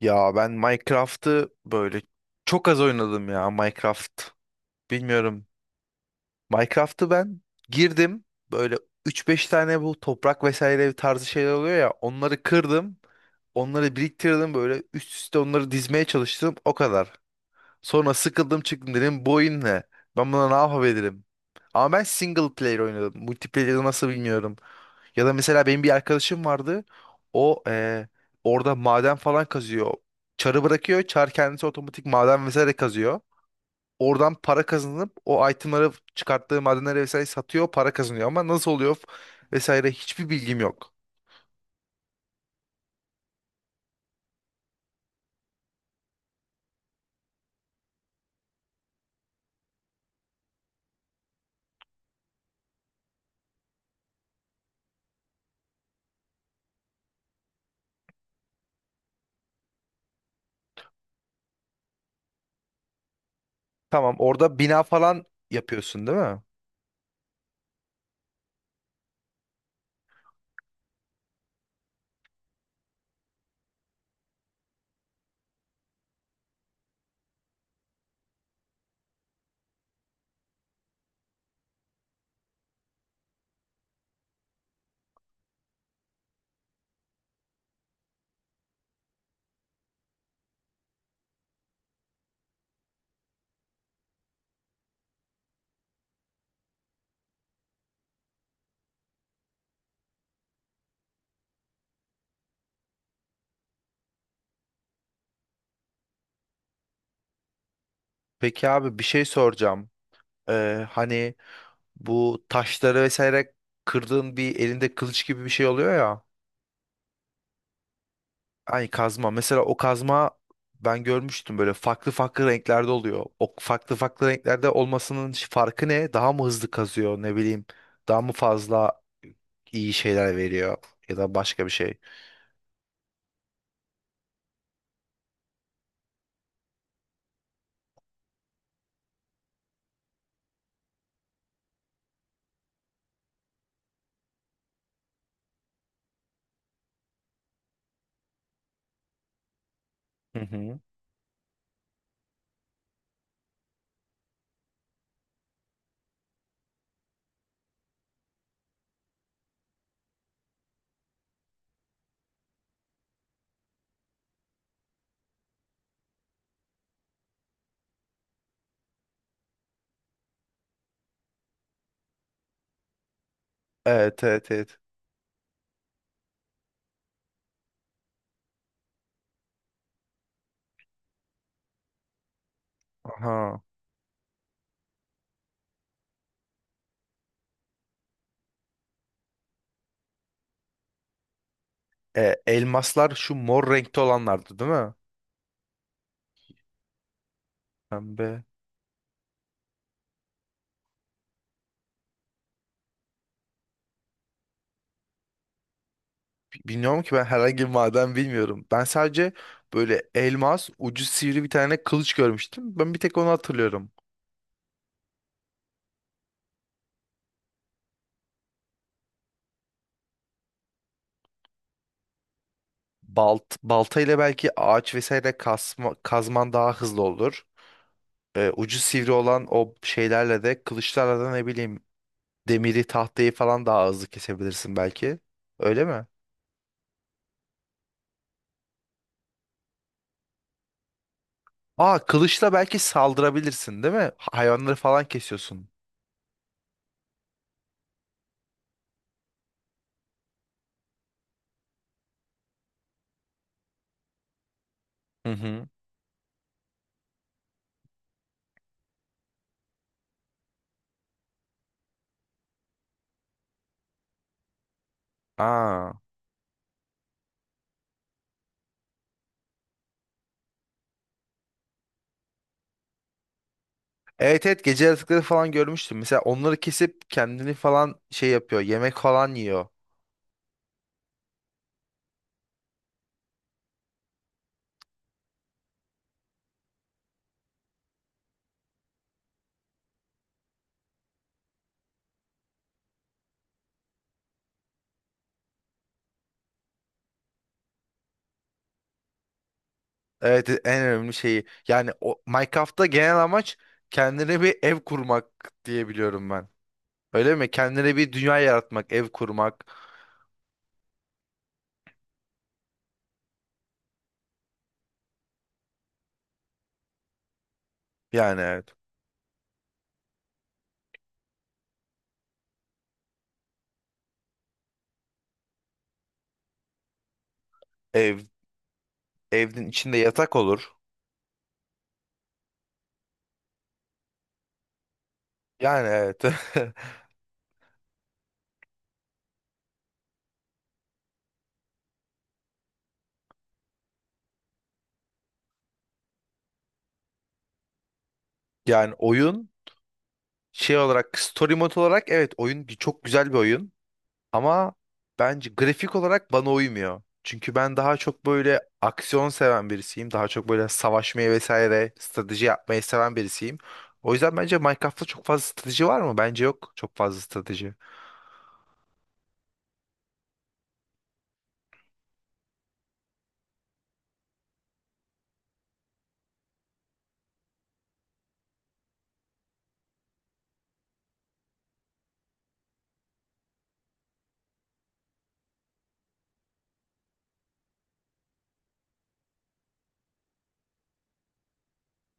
Ya ben Minecraft'ı böyle çok az oynadım ya Minecraft. Bilmiyorum. Minecraft'ı ben girdim. Böyle üç beş tane bu toprak vesaire tarzı şeyler oluyor ya. Onları kırdım. Onları biriktirdim böyle üst üste onları dizmeye çalıştım. O kadar. Sonra sıkıldım çıktım dedim bu oyun ne? Ben buna ne yapabilirim? Ama ben single player oynadım. Multiplayer'ı nasıl bilmiyorum. Ya da mesela benim bir arkadaşım vardı. O orada maden falan kazıyor. Çarı bırakıyor. Çar kendisi otomatik maden vesaire kazıyor. Oradan para kazanıp o itemları çıkarttığı madenleri vesaire satıyor. Para kazanıyor ama nasıl oluyor vesaire hiçbir bilgim yok. Tamam orada bina falan yapıyorsun değil mi? Peki abi bir şey soracağım. Hani bu taşları vesaire kırdığın bir elinde kılıç gibi bir şey oluyor ya. Hani kazma. Mesela o kazma ben görmüştüm böyle farklı farklı renklerde oluyor. O farklı farklı renklerde olmasının farkı ne? Daha mı hızlı kazıyor ne bileyim. Daha mı fazla iyi şeyler veriyor ya da başka bir şey. Hı hı. Evet, evet, evet. Aha. E, elmaslar şu mor renkte olanlardı değil mi? Pembe. Bilmiyorum ki ben herhangi bir maden bilmiyorum. Ben sadece böyle elmas ucu sivri bir tane kılıç görmüştüm. Ben bir tek onu hatırlıyorum. Balta ile belki ağaç vesaire kasma, kazman daha hızlı olur. E, ucu sivri olan o şeylerle de kılıçlarla da ne bileyim demiri tahtayı falan daha hızlı kesebilirsin belki. Öyle mi? Aa kılıçla belki saldırabilirsin değil mi? Hayvanları falan kesiyorsun. Hı hı. Aa. Evet, evet, gece yaratıkları falan görmüştüm. Mesela onları kesip kendini falan şey yapıyor. Yemek falan yiyor. Evet en önemli şeyi. Yani o Minecraft'ta genel amaç kendine bir ev kurmak diye biliyorum ben. Öyle mi? Kendine bir dünya yaratmak, ev kurmak. Yani evet. Ev, evin içinde yatak olur. Yani evet. Yani oyun şey olarak story mode olarak evet oyun çok güzel bir oyun. Ama bence grafik olarak bana uymuyor. Çünkü ben daha çok böyle aksiyon seven birisiyim. Daha çok böyle savaşmayı vesaire strateji yapmayı seven birisiyim. O yüzden bence Minecraft'ta çok fazla strateji var mı? Bence yok çok fazla strateji.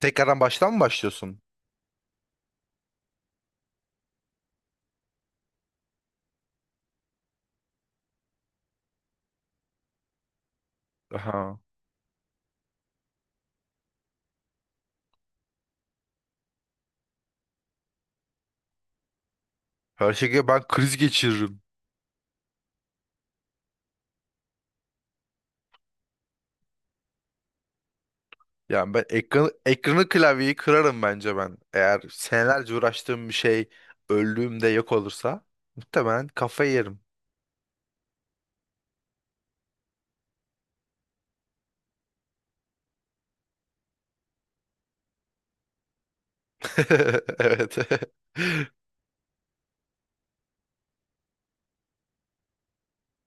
Tekrardan baştan mı başlıyorsun? Aha. Her şekilde ben kriz geçiririm. Yani ben ekranı, klavyeyi kırarım bence ben. Eğer senelerce uğraştığım bir şey öldüğümde yok olursa muhtemelen kafayı yerim. Evet.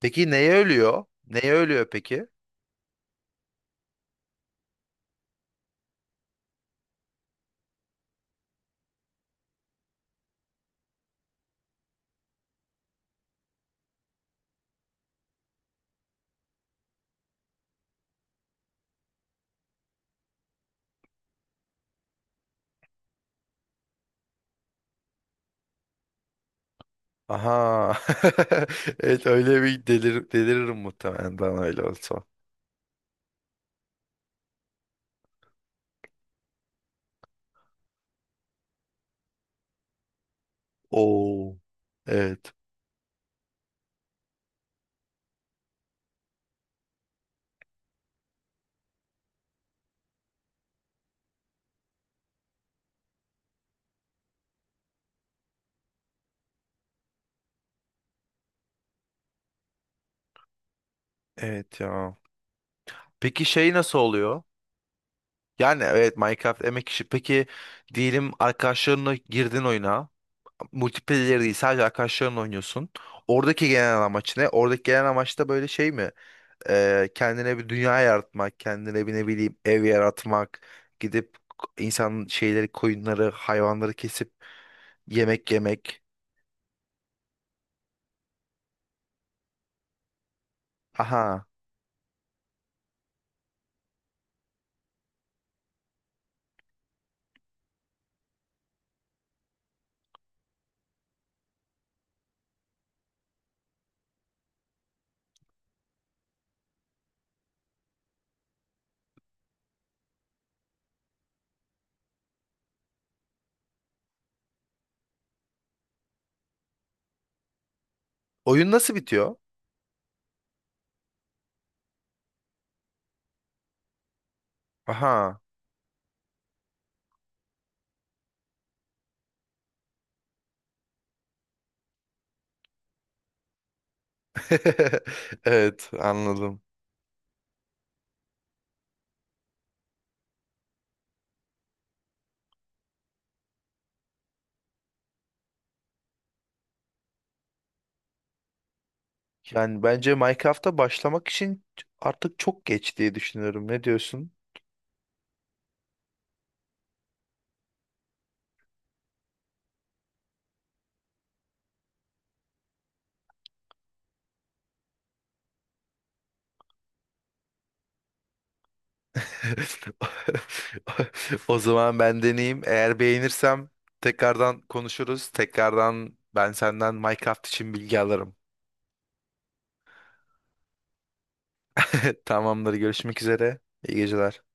Peki neye ölüyor? Neye ölüyor peki? Aha. Evet öyle bir deliririm muhtemelen ben öyle olsa. Oo. Evet. Evet ya. Peki şey nasıl oluyor? Yani evet Minecraft emek işi. Peki diyelim arkadaşlarınla girdin oyuna. Multiplayer değil sadece arkadaşlarınla oynuyorsun. Oradaki genel amaç ne? Oradaki genel amaç da böyle şey mi? Kendine bir dünya yaratmak, kendine bir ne bileyim ev yaratmak, gidip insan şeyleri, koyunları, hayvanları kesip yemek yemek. Aha. Oyun nasıl bitiyor? Aha. Evet, anladım. Yani bence Minecraft'a başlamak için artık çok geç diye düşünüyorum. Ne diyorsun? O zaman ben deneyeyim. Eğer beğenirsem tekrardan konuşuruz. Tekrardan ben senden Minecraft için bilgi alırım. Tamamdır. Görüşmek üzere. İyi geceler.